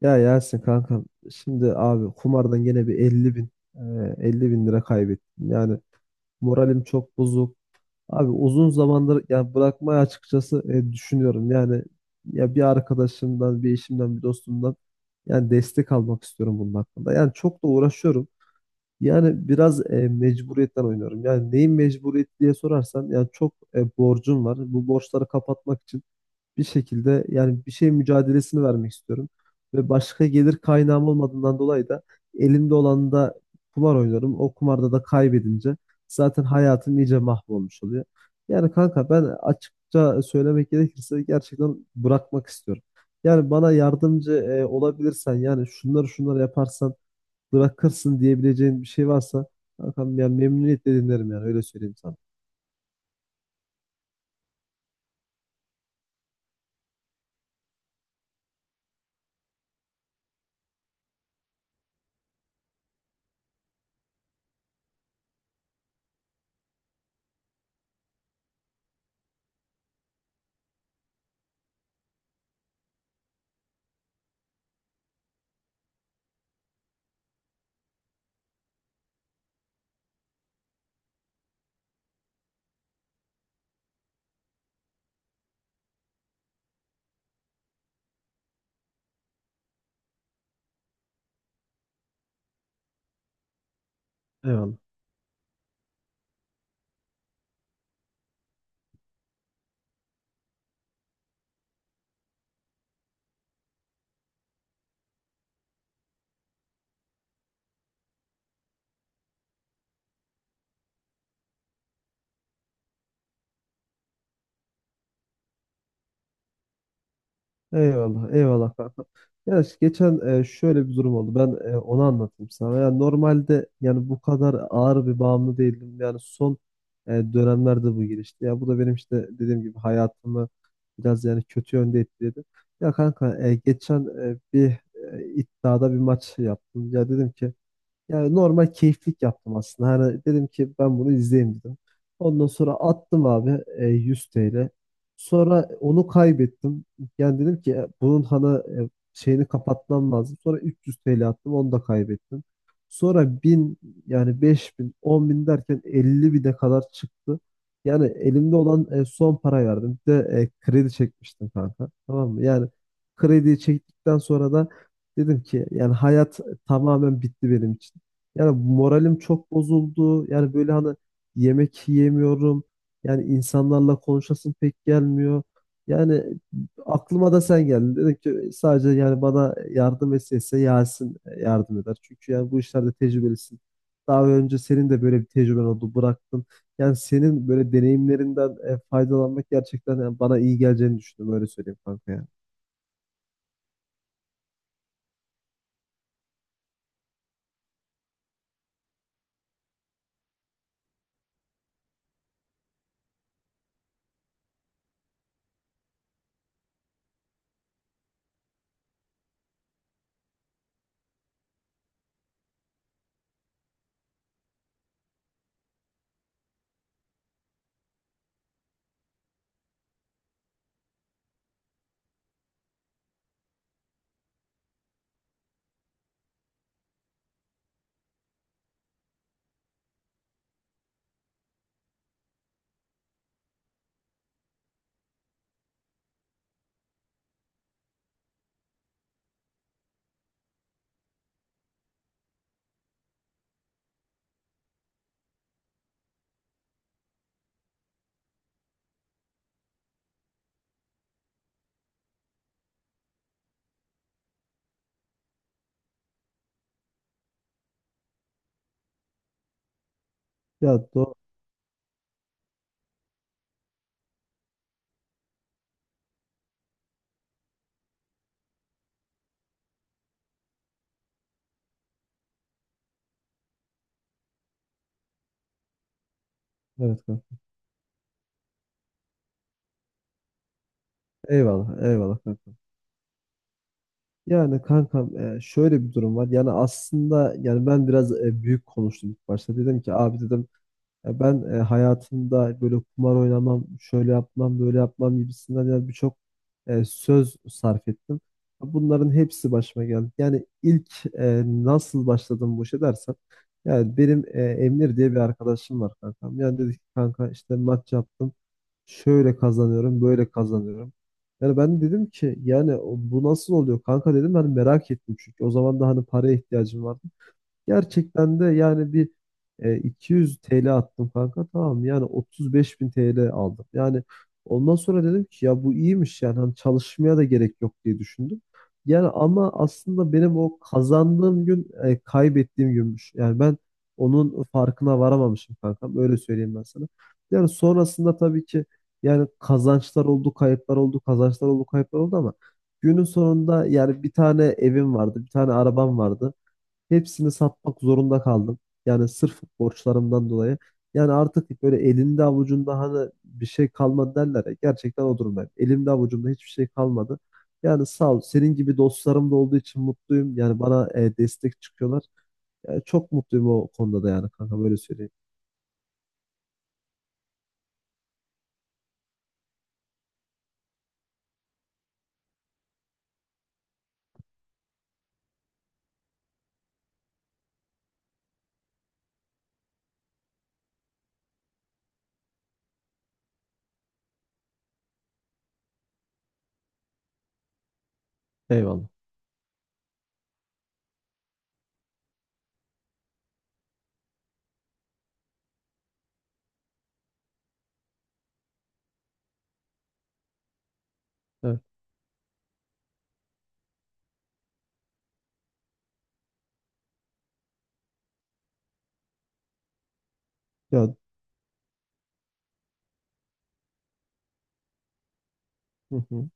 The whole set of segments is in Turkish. Ya Yasin kankam, şimdi abi kumardan gene bir 50 bin lira kaybettim. Yani moralim çok bozuk. Abi uzun zamandır yani bırakmayı açıkçası düşünüyorum. Yani ya bir arkadaşımdan, bir eşimden, bir dostumdan yani destek almak istiyorum bunun hakkında. Yani çok da uğraşıyorum. Yani biraz mecburiyetten oynuyorum. Yani neyin mecburiyeti diye sorarsan yani çok borcum var. Bu borçları kapatmak için bir şekilde yani bir şey mücadelesini vermek istiyorum. Ve başka gelir kaynağım olmadığından dolayı da elimde olan da kumar oynarım. O kumarda da kaybedince zaten hayatım iyice mahvolmuş oluyor. Yani kanka ben açıkça söylemek gerekirse gerçekten bırakmak istiyorum. Yani bana yardımcı olabilirsen yani şunları şunları yaparsan bırakırsın diyebileceğin bir şey varsa kankam yani memnuniyetle dinlerim, yani öyle söyleyeyim sana. Eyvallah. Eyvallah, eyvallah kanka. Ya işte geçen şöyle bir durum oldu. Ben onu anlatayım sana. Yani normalde yani bu kadar ağır bir bağımlı değildim. Yani son dönemlerde bu gelişti. Ya bu da benim işte dediğim gibi hayatımı biraz yani kötü yönde etkiledi. Ya kanka geçen bir iddiada bir maç yaptım. Ya dedim ki yani normal keyiflik yaptım aslında. Hani dedim ki ben bunu izleyeyim dedim. Ondan sonra attım abi 100 TL. Sonra onu kaybettim. Yani dedim ki bunun hani şeyini kapatmam lazım. Sonra 300 TL attım, onu da kaybettim. Sonra bin, yani 5000, bin derken 50 bine kadar çıktı. Yani elimde olan son para verdim. Bir de kredi çekmiştim kanka. Tamam mı? Yani krediyi çektikten sonra da dedim ki yani hayat tamamen bitti benim için. Yani moralim çok bozuldu. Yani böyle hani yemek yiyemiyorum. Yani insanlarla konuşasım pek gelmiyor. Yani aklıma da sen geldin. Dedim ki sadece yani bana yardım etse Yasin yardım eder. Çünkü yani bu işlerde tecrübelisin. Daha önce senin de böyle bir tecrüben oldu, bıraktın. Yani senin böyle deneyimlerinden faydalanmak gerçekten yani bana iyi geleceğini düşündüm, öyle söyleyeyim kanka ya. Ya doğru. Evet kanka. Eyvallah, eyvallah kanka. Yani kankam şöyle bir durum var. Yani aslında yani ben biraz büyük konuştum ilk başta. Dedim ki abi, dedim ben hayatımda böyle kumar oynamam, şöyle yapmam, böyle yapmam" gibisinden yani birçok söz sarf ettim. Bunların hepsi başıma geldi. Yani ilk nasıl başladım bu işe dersen, yani benim Emir diye bir arkadaşım var kankam. Yani dedi ki kanka işte maç yaptım. Şöyle kazanıyorum, böyle kazanıyorum. Yani ben dedim ki yani bu nasıl oluyor kanka dedim. Ben merak ettim çünkü. O zaman da hani paraya ihtiyacım vardı. Gerçekten de yani bir 200 TL attım kanka, tamam, yani 35 bin TL aldım. Yani ondan sonra dedim ki ya bu iyiymiş, yani hani çalışmaya da gerek yok diye düşündüm. Yani ama aslında benim o kazandığım gün kaybettiğim günmüş. Yani ben onun farkına varamamışım kankam, öyle söyleyeyim ben sana. Yani sonrasında tabii ki yani kazançlar oldu kayıplar oldu kazançlar oldu kayıplar oldu, ama günün sonunda yani bir tane evim vardı, bir tane arabam vardı. Hepsini satmak zorunda kaldım. Yani sırf borçlarımdan dolayı. Yani artık böyle elinde avucunda hani bir şey kalmadı derler ya. Gerçekten o durumdayım. Elimde avucumda hiçbir şey kalmadı. Yani sağ ol. Senin gibi dostlarım da olduğu için mutluyum. Yani bana destek çıkıyorlar. Yani çok mutluyum o konuda da, yani kanka böyle söyleyeyim. Eyvallah. Evet. Ya hı hı.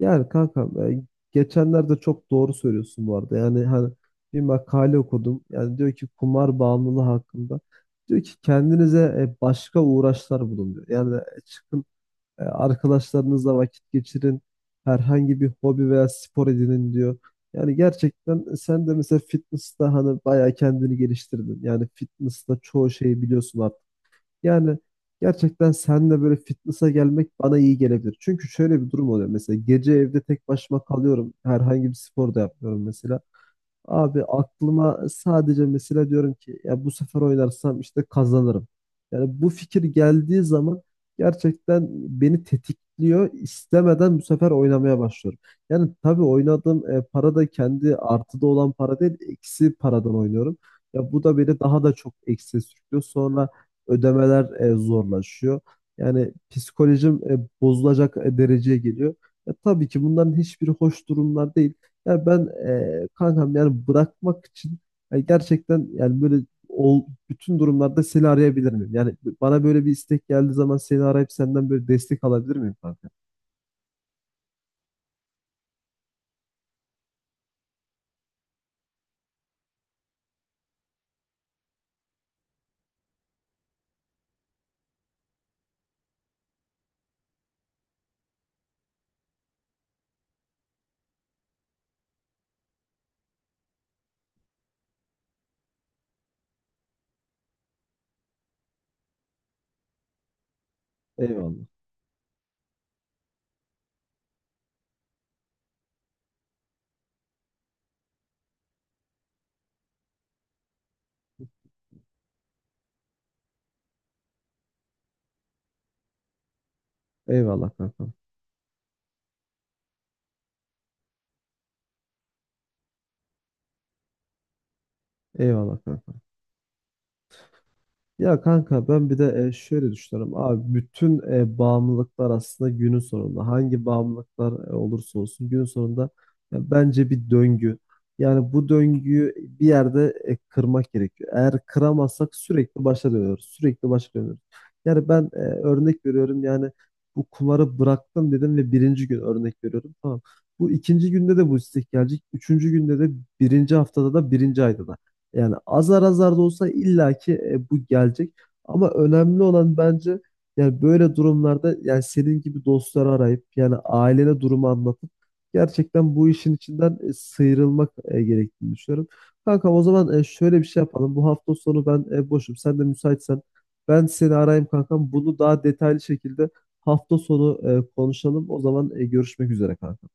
Yani kanka e, geçenlerde çok doğru söylüyorsun bu arada. Yani hani bir makale okudum. Yani diyor ki kumar bağımlılığı hakkında. Diyor ki kendinize başka uğraşlar bulun diyor. Yani çıkın arkadaşlarınızla vakit geçirin. Herhangi bir hobi veya spor edinin diyor. Yani gerçekten sen de mesela fitness'ta hani bayağı kendini geliştirdin. Yani fitness'ta çoğu şeyi biliyorsun artık. Yani gerçekten seninle böyle fitness'a gelmek bana iyi gelebilir. Çünkü şöyle bir durum oluyor. Mesela gece evde tek başıma kalıyorum. Herhangi bir spor da yapmıyorum mesela. Abi aklıma sadece mesela diyorum ki ya bu sefer oynarsam işte kazanırım. Yani bu fikir geldiği zaman gerçekten beni tetikliyor. İstemeden bu sefer oynamaya başlıyorum. Yani tabii oynadığım para da kendi artıda olan para değil, eksi paradan oynuyorum. Ya bu da beni daha da çok eksiye sürüklüyor. Sonra ödemeler zorlaşıyor. Yani psikolojim bozulacak dereceye geliyor. Ya tabii ki bunların hiçbiri hoş durumlar değil. Yani ben kankam, yani bırakmak için yani gerçekten yani böyle bütün durumlarda seni arayabilir miyim? Yani bana böyle bir istek geldiği zaman seni arayıp senden böyle destek alabilir miyim kanka? Eyvallah. Eyvallah kankam. Eyvallah kankam. Ya kanka ben bir de şöyle düşünüyorum. Abi bütün bağımlılıklar aslında günün sonunda, hangi bağımlılıklar olursa olsun, günün sonunda ya bence bir döngü. Yani bu döngüyü bir yerde kırmak gerekiyor. Eğer kıramazsak sürekli başa dönüyoruz. Sürekli başa dönüyoruz. Yani ben örnek veriyorum, yani bu kumarı bıraktım dedim ve birinci gün örnek veriyorum. Tamam. Bu ikinci günde de bu istek gelecek. Üçüncü günde de, birinci haftada da, birinci ayda da. Yani azar azar da olsa illaki bu gelecek. Ama önemli olan bence yani böyle durumlarda yani senin gibi dostları arayıp yani ailene durumu anlatıp gerçekten bu işin içinden sıyrılmak gerektiğini düşünüyorum. Kankam o zaman şöyle bir şey yapalım. Bu hafta sonu ben boşum. Sen de müsaitsen ben seni arayayım kankam. Bunu daha detaylı şekilde hafta sonu konuşalım. O zaman görüşmek üzere kankam.